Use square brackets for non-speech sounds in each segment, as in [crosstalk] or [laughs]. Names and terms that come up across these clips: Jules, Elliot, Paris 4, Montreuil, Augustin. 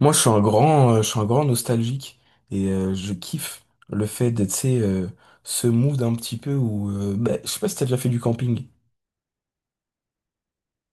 Moi, je suis un grand, je suis un grand nostalgique et je kiffe le fait d'être, tu sais, ce mood un petit peu où, bah, je sais pas si t'as déjà fait du camping.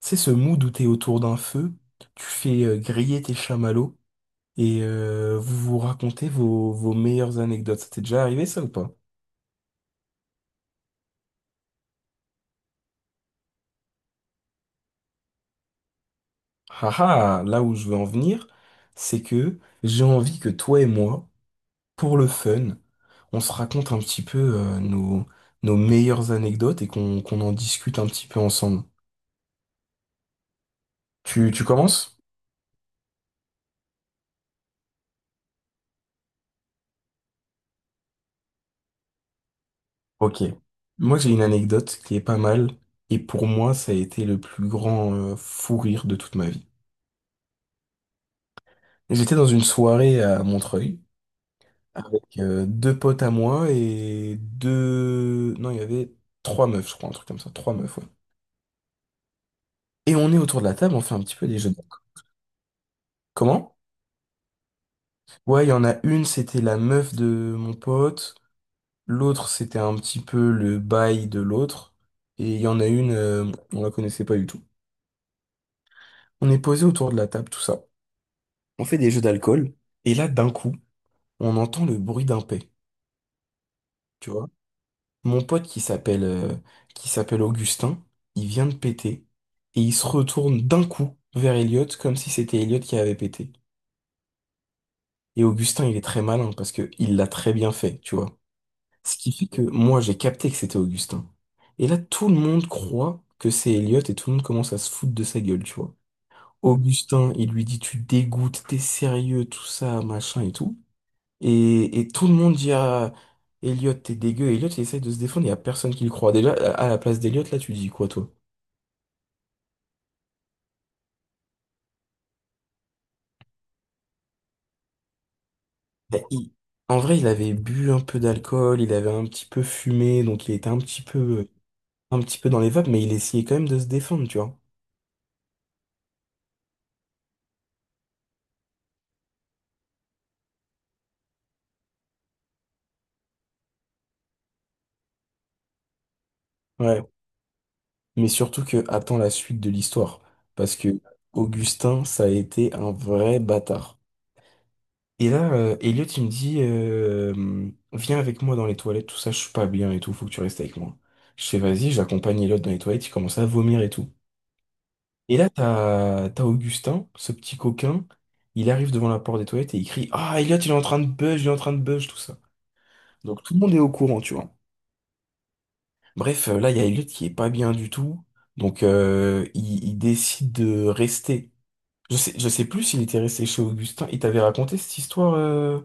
C'est ce mood où t'es autour d'un feu, tu fais griller tes chamallows et vous vous racontez vos meilleures anecdotes. Ça t'est déjà arrivé ça ou pas? Haha, là où je veux en venir, c'est que j'ai envie que toi et moi, pour le fun, on se raconte un petit peu nos meilleures anecdotes et qu'on en discute un petit peu ensemble. Tu commences? Ok. Moi, j'ai une anecdote qui est pas mal, et pour moi, ça a été le plus grand fou rire de toute ma vie. J'étais dans une soirée à Montreuil avec deux potes à moi et deux... Non, il y avait trois meufs, je crois, un truc comme ça, trois meufs, ouais. Et on est autour de la table, on fait un petit peu des jeux. Comment? Ouais, il y en a une, c'était la meuf de mon pote, l'autre, c'était un petit peu le bail de l'autre, et il y en a une, on la connaissait pas du tout. On est posé autour de la table, tout ça. On fait des jeux d'alcool, et là, d'un coup, on entend le bruit d'un pet, tu vois. Mon pote qui s'appelle Augustin, il vient de péter, et il se retourne d'un coup vers Elliot, comme si c'était Elliot qui avait pété. Et Augustin, il est très malin, parce que il l'a très bien fait, tu vois. Ce qui fait que moi, j'ai capté que c'était Augustin. Et là, tout le monde croit que c'est Elliot, et tout le monde commence à se foutre de sa gueule, tu vois. Augustin, il lui dit, tu dégoûtes, t'es sérieux, tout ça, machin et tout. Et tout le monde dit à Elliot, t'es dégueu. Elliot, il essaye de se défendre, il y a personne qui le croit. Déjà, à la place d'Elliot, là, tu dis quoi, toi? Ben, en vrai, il avait bu un peu d'alcool, il avait un petit peu fumé, donc il était un petit un petit peu dans les vapes, mais il essayait quand même de se défendre, tu vois. Ouais. Mais surtout que, attends la suite de l'histoire. Parce que Augustin, ça a été un vrai bâtard. Et là, Elliot, il me dit, viens avec moi dans les toilettes, tout ça, je suis pas bien et tout, faut que tu restes avec moi. Je fais, vas-y, j'accompagne Elliot dans les toilettes, il commence à vomir et tout. Et là, t'as Augustin, ce petit coquin, il arrive devant la porte des toilettes et il crie, ah, Elliot, il est en train de buzz, il est en train de buzz, tout ça. Donc tout le monde est au courant, tu vois. Bref, là, il y a Elliot qui est pas bien du tout, donc il décide de rester. Je sais plus s'il était resté chez Augustin, il t'avait raconté cette histoire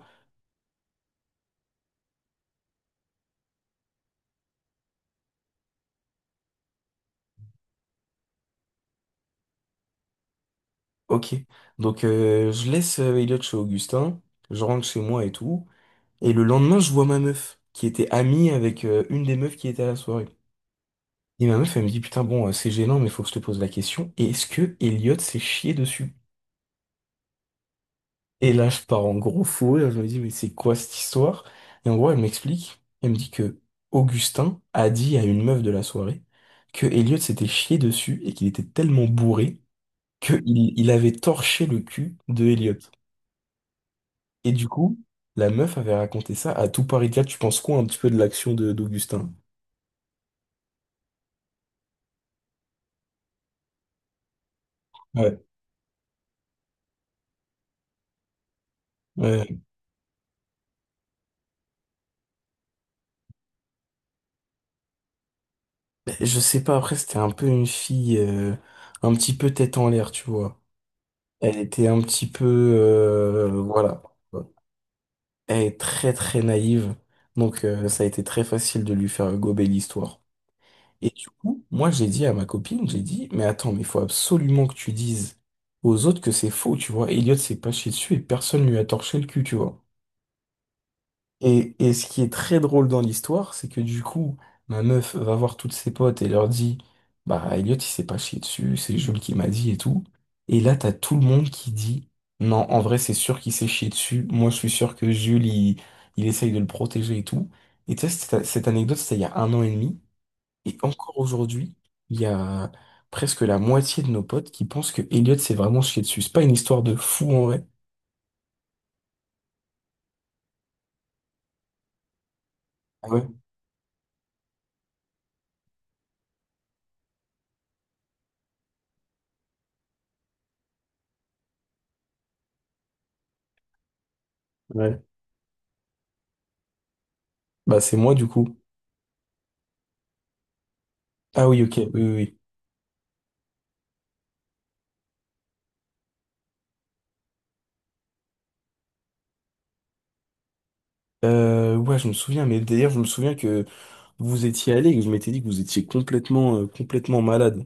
ok, donc je laisse Elliot chez Augustin, je rentre chez moi et tout, et le lendemain je vois ma meuf, qui était amie avec une des meufs qui était à la soirée. Et ma meuf elle me dit putain bon c'est gênant mais faut que je te pose la question, est-ce que Elliot s'est chié dessus? Et là je pars en gros fou rire, je me dis mais c'est quoi cette histoire? Et en gros elle m'explique, elle me dit que Augustin a dit à une meuf de la soirée que Elliot s'était chié dessus et qu'il était tellement bourré qu'il il avait torché le cul de Elliot. Et du coup, la meuf avait raconté ça à tout Paris 4. Tu penses quoi un petit peu de l'action de d'Augustin? Ouais, ouais. Ben, je sais pas, après, c'était un peu une fille un petit peu tête en l'air, tu vois. Elle était un petit peu... voilà. Elle est très très naïve, donc ça a été très facile de lui faire gober l'histoire. Et du coup, moi j'ai dit à ma copine, j'ai dit, mais attends, mais il faut absolument que tu dises aux autres que c'est faux, tu vois. Elliot s'est pas chié dessus et personne lui a torché le cul, tu vois. Et ce qui est très drôle dans l'histoire, c'est que du coup, ma meuf va voir toutes ses potes et leur dit, bah Elliot, il s'est pas chié dessus, c'est Jules qui m'a dit et tout. Et là, t'as tout le monde qui dit, non, en vrai, c'est sûr qu'il s'est chié dessus. Moi, je suis sûr que il essaye de le protéger et tout. Et tu sais, cette anecdote, c'était il y a un an et demi. Et encore aujourd'hui, il y a presque la moitié de nos potes qui pensent que Elliot s'est vraiment chié dessus. C'est pas une histoire de fou en vrai. Ah ouais? Ouais. Bah, c'est moi, du coup. Ah oui, ok, oui, oui, oui. Ouais, je me souviens, mais d'ailleurs, je me souviens que vous étiez allé et que je m'étais dit que vous étiez complètement, complètement malade.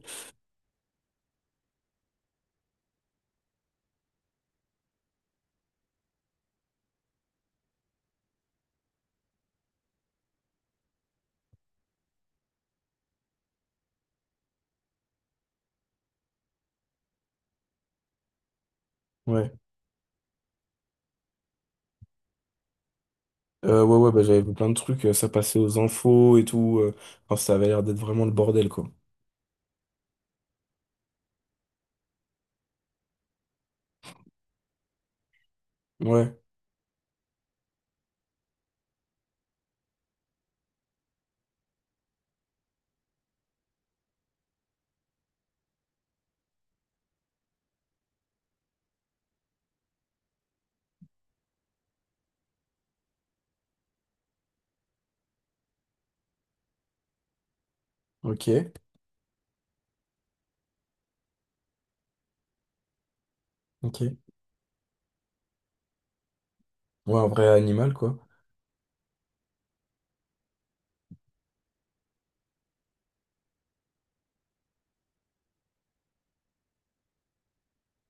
Ouais. Ouais, bah, j'avais vu plein de trucs, ça passait aux infos et tout. Enfin, ça avait l'air d'être vraiment le bordel, quoi. Ouais, ok, ok. Ouais, un vrai animal, quoi.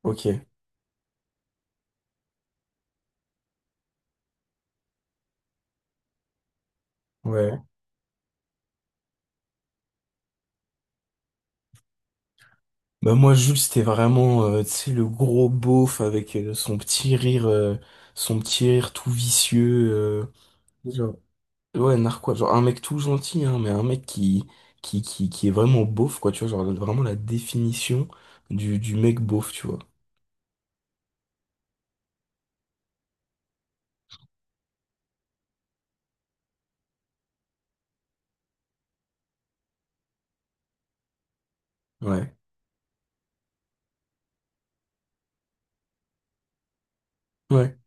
Ok, ouais. Bah, moi, Jules, c'était vraiment, tu sais, le gros beauf avec son petit rire tout vicieux. euh, Ouais, narquois, genre un mec tout gentil, hein, mais un mec qui est vraiment beauf, quoi, tu vois, genre vraiment la définition du mec beauf, tu vois. Ouais, ouais,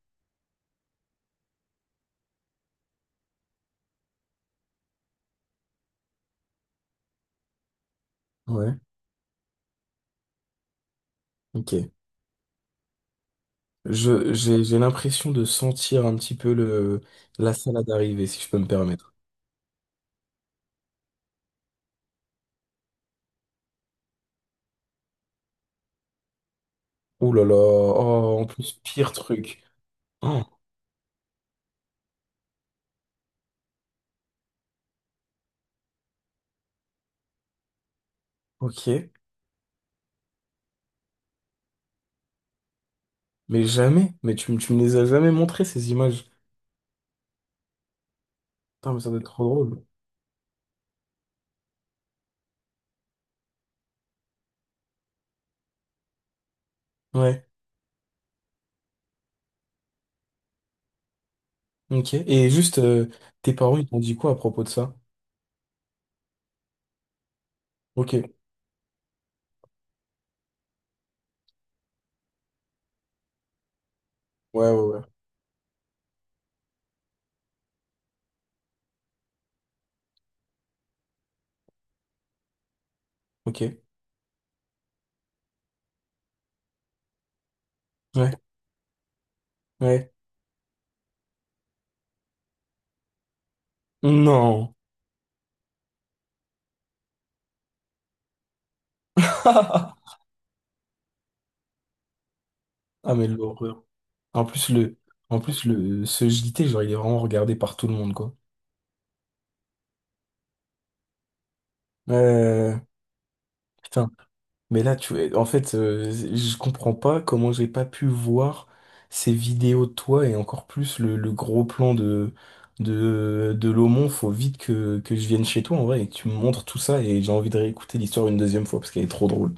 ouais, ok. J'ai l'impression de sentir un petit peu la salade arriver, si je peux me permettre. Ouh là là, oh, en plus, pire truc. Oh, ok. Mais jamais, tu me les as jamais montré ces images. Putain, mais ça doit être trop drôle. Ouais, ok. Et juste, tes parents, ils t'ont dit quoi à propos de ça? Ok, ouais, ouais, ouais, ok. Ouais, ouais. Non. [laughs] Ah mais l'horreur. En plus le, en plus le, ce JT, genre il est vraiment regardé par tout le monde quoi. Euh, putain. Mais là tu, en fait, je comprends pas comment j'ai pas pu voir ces vidéos de toi et encore plus le gros plan de l'Aumont. Faut vite que je vienne chez toi en vrai et que tu me montres tout ça et j'ai envie de réécouter l'histoire une deuxième fois parce qu'elle est trop drôle.